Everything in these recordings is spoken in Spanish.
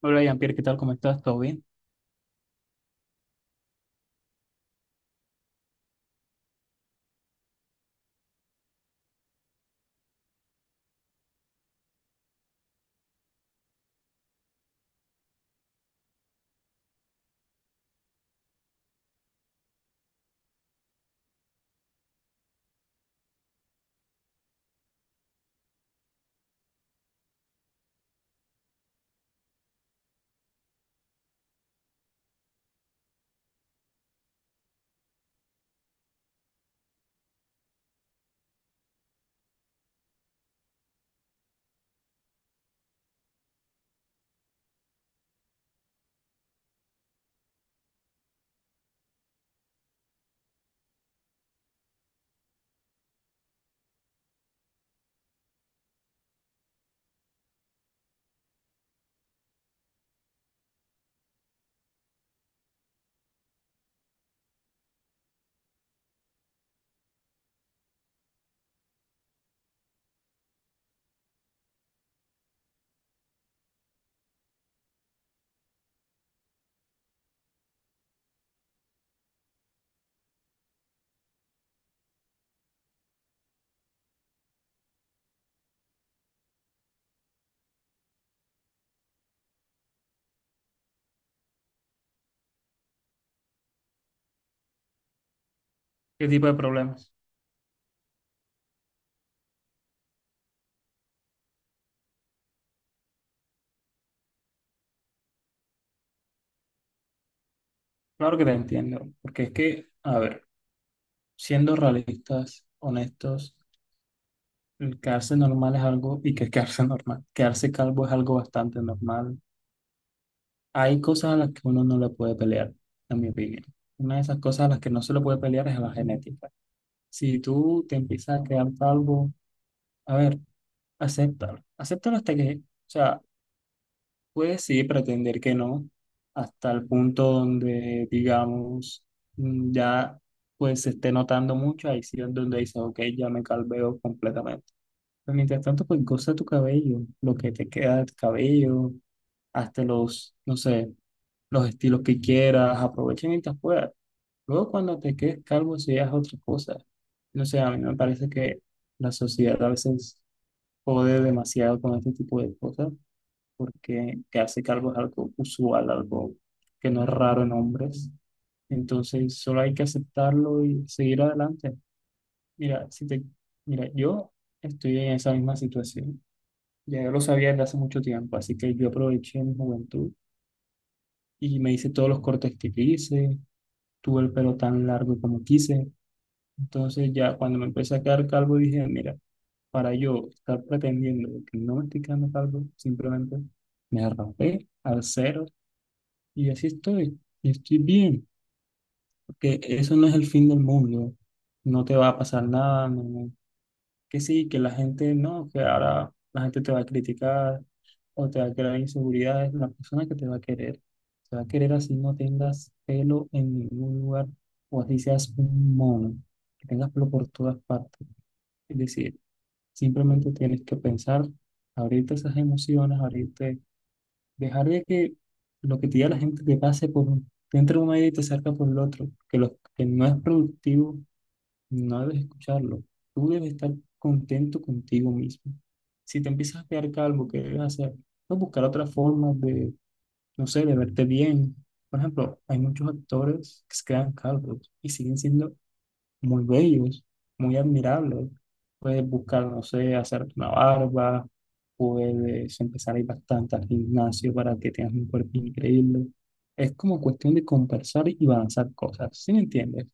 Hola, Jean-Pierre, ¿qué tal? ¿Cómo estás? ¿Todo bien? ¿Qué tipo de problemas? Claro que te entiendo, porque es que, a ver, siendo realistas, honestos, el quedarse normal es algo, y que es quedarse normal, quedarse calvo es algo bastante normal. Hay cosas a las que uno no le puede pelear, en mi opinión. Una de esas cosas a las que no se le puede pelear es a la genética. Si tú te empiezas a quedar calvo, a ver, acéptalo. Acéptalo hasta que, o sea, pues sí, pretender que no, hasta el punto donde, digamos, ya pues se esté notando mucho, ahí sí es donde dices, ok, ya me calveo completamente. Pero mientras tanto, pues goza tu cabello, lo que te queda del cabello, hasta los, no sé, los estilos que quieras, aprovecha mientras puedas. Luego cuando te quedes calvo, si es otra cosa. No sé, a mí me parece que la sociedad a veces jode demasiado con este tipo de cosas porque quedarse calvo es algo usual, algo que no es raro en hombres. Entonces, solo hay que aceptarlo y seguir adelante. Mira, si te, mira, yo estoy en esa misma situación. Ya yo lo sabía desde hace mucho tiempo, así que yo aproveché mi juventud y me hice todos los cortes que quise, tuve el pelo tan largo como quise. Entonces, ya cuando me empecé a quedar calvo, dije, mira, para yo estar pretendiendo que no me estoy quedando calvo, simplemente me rapé al cero. Y así estoy, y estoy bien, porque eso no es el fin del mundo, no te va a pasar nada, no, que sí, que la gente no, que ahora la gente te va a criticar o te va a crear inseguridades, la persona que te va a querer, te va a querer así no tengas pelo en ningún lugar o así seas un mono, que tengas pelo por todas partes. Es decir, simplemente tienes que pensar, abrirte esas emociones, abrirte. Dejar de que lo que te diga la gente te pase por, te entra un medio y te salga por el otro, que lo que no es productivo, no debes escucharlo. Tú debes estar contento contigo mismo. Si te empiezas a quedar calvo, ¿qué debes hacer? No, buscar otras formas de, no sé, de verte bien. Por ejemplo, hay muchos actores que se quedan calvos y siguen siendo muy bellos, muy admirables. Puedes buscar, no sé, hacerte una barba, puedes empezar a ir bastante al gimnasio para que tengas un cuerpo increíble. Es como cuestión de conversar y balanzar cosas, ¿sí me entiendes?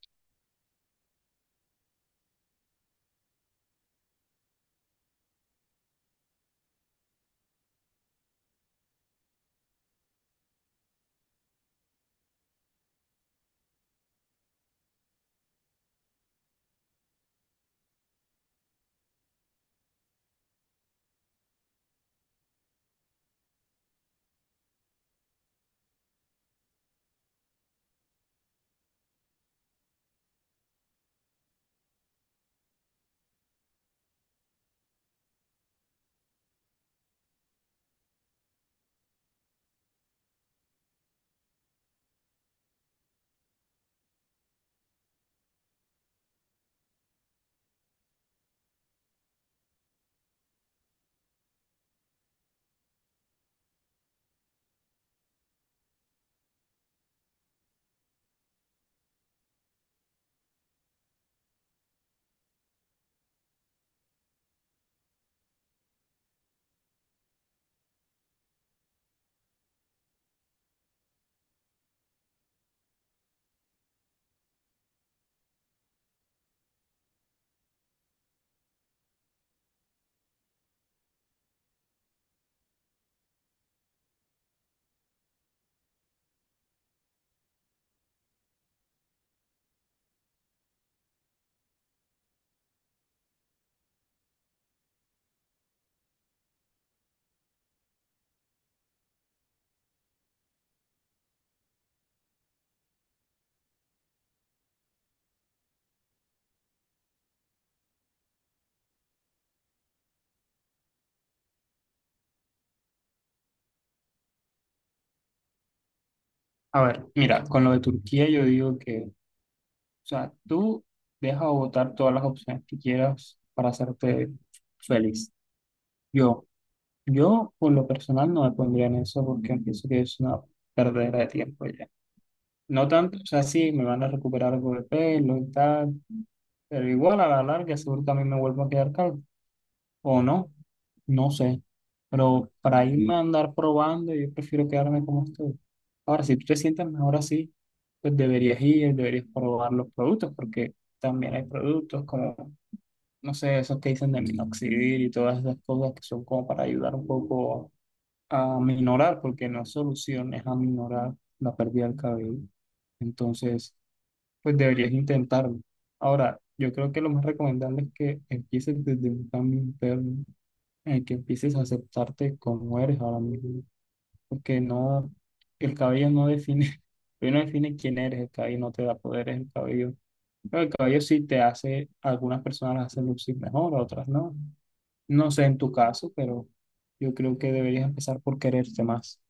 A ver, mira, con lo de Turquía yo digo que, o sea, tú deja votar todas las opciones que quieras para hacerte feliz. Yo, yo por lo personal no me pondría en eso porque pienso que es una perdera de tiempo ya. No tanto, o sea, sí, me van a recuperar algo de pelo y tal, pero igual a la larga seguro también me vuelvo a quedar calvo, o no, no sé, pero para irme a andar probando yo prefiero quedarme como estoy. Ahora, si tú te sientes mejor así, pues deberías ir, deberías probar los productos, porque también hay productos como, no sé, esos que dicen de minoxidil y todas esas cosas que son como para ayudar un poco a minorar, porque no es solución, es aminorar la pérdida del cabello. Entonces pues deberías intentarlo. Ahora, yo creo que lo más recomendable es que empieces desde un cambio interno, en el que empieces a aceptarte como eres ahora mismo, porque no, el cabello no define, el cabello no define quién eres, el cabello no te da poderes, el cabello, pero el cabello sí te hace, algunas personas las hacen lucir mejor, a otras no. No sé en tu caso, pero yo creo que deberías empezar por quererte más.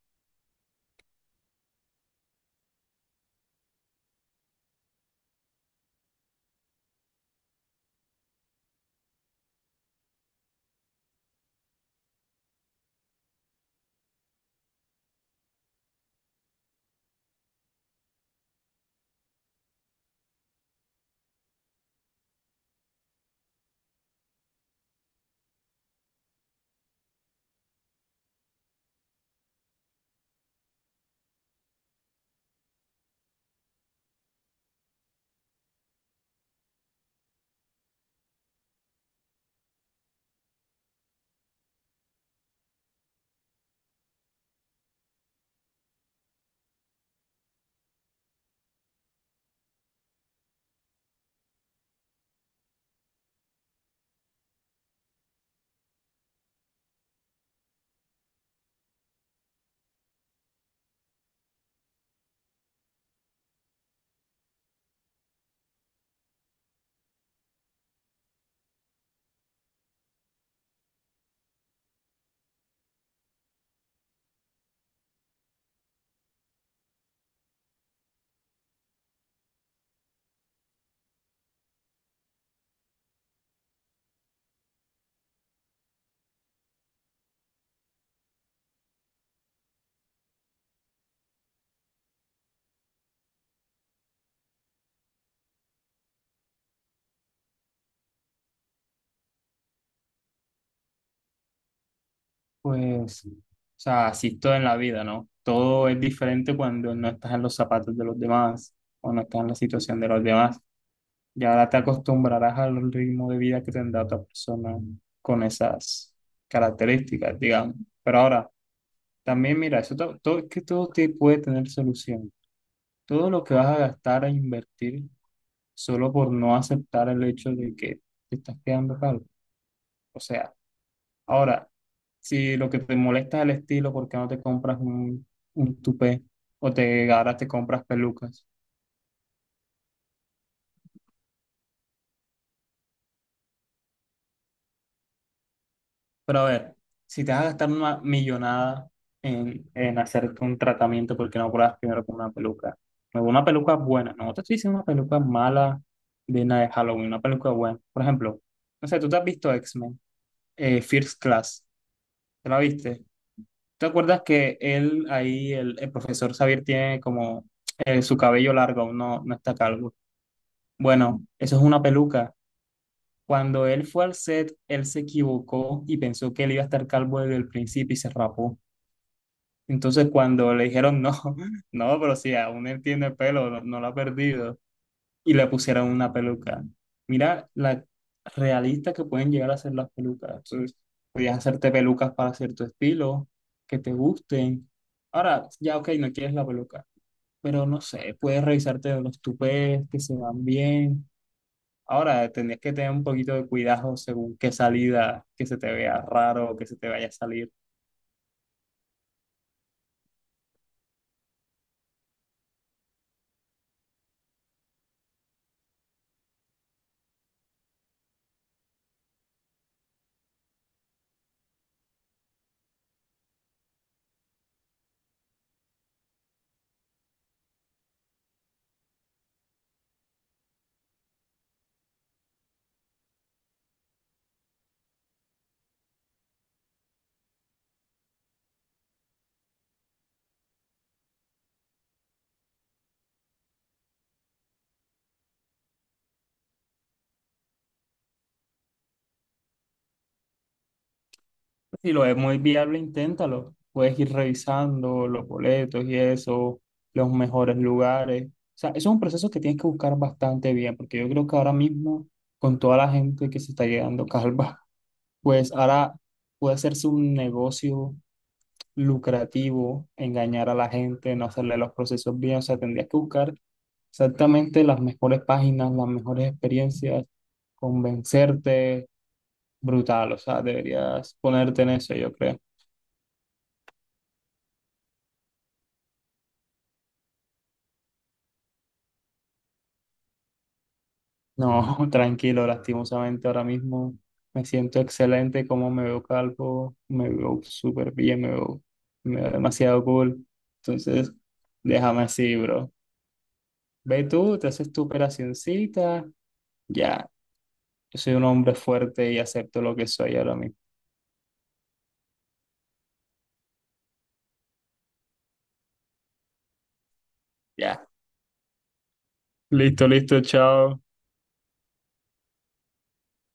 Pues, o sea, así es todo en la vida, ¿no? Todo es diferente cuando no estás en los zapatos de los demás o no estás en la situación de los demás. Y ahora te acostumbrarás al ritmo de vida que tendrá otra persona con esas características, digamos. Pero ahora, también mira, eso todo, es que todo te puede tener solución. Todo lo que vas a gastar a invertir solo por no aceptar el hecho de que te estás quedando calvo. O sea, ahora, si lo que te molesta es el estilo, ¿por qué no te compras un tupé? O te ahora te compras pelucas. Pero a ver, si te vas a gastar una millonada en hacerte un tratamiento, ¿por qué no pruebas primero con una peluca? Pero una peluca buena, no te estoy diciendo una peluca mala de una de Halloween, una peluca buena. Por ejemplo, no sé, ¿tú te has visto X-Men, First Class, ¿te la viste? ¿Te acuerdas que él ahí, el profesor Xavier tiene como su cabello largo, aún no, no está calvo? Bueno, eso es una peluca. Cuando él fue al set, él se equivocó y pensó que él iba a estar calvo desde el principio y se rapó. Entonces, cuando le dijeron no, no, pero si aún él tiene pelo, no, no lo ha perdido, y le pusieron una peluca. Mira la realista que pueden llegar a ser las pelucas. Entonces, podías hacerte pelucas para cierto estilo, que te gusten. Ahora, ya, ok, no quieres la peluca, pero no sé, puedes revisarte los tupés que se van bien. Ahora, tendrías que tener un poquito de cuidado según qué salida, que se te vea raro o que se te vaya a salir. Si lo es muy viable, inténtalo. Puedes ir revisando los boletos y eso, los mejores lugares. O sea, eso es un proceso que tienes que buscar bastante bien, porque yo creo que ahora mismo, con toda la gente que se está llegando calva, pues ahora puede hacerse un negocio lucrativo, engañar a la gente, no hacerle los procesos bien. O sea, tendrías que buscar exactamente las mejores páginas, las mejores experiencias, convencerte, brutal, o sea, deberías ponerte en eso, yo creo. No, tranquilo, lastimosamente ahora mismo me siento excelente, como me veo calvo, me veo súper bien, me veo demasiado cool. Entonces, déjame así, bro. Ve tú, te haces tu operacioncita, ya, yo soy un hombre fuerte y acepto lo que soy ahora mismo. Ya, listo, listo, chao.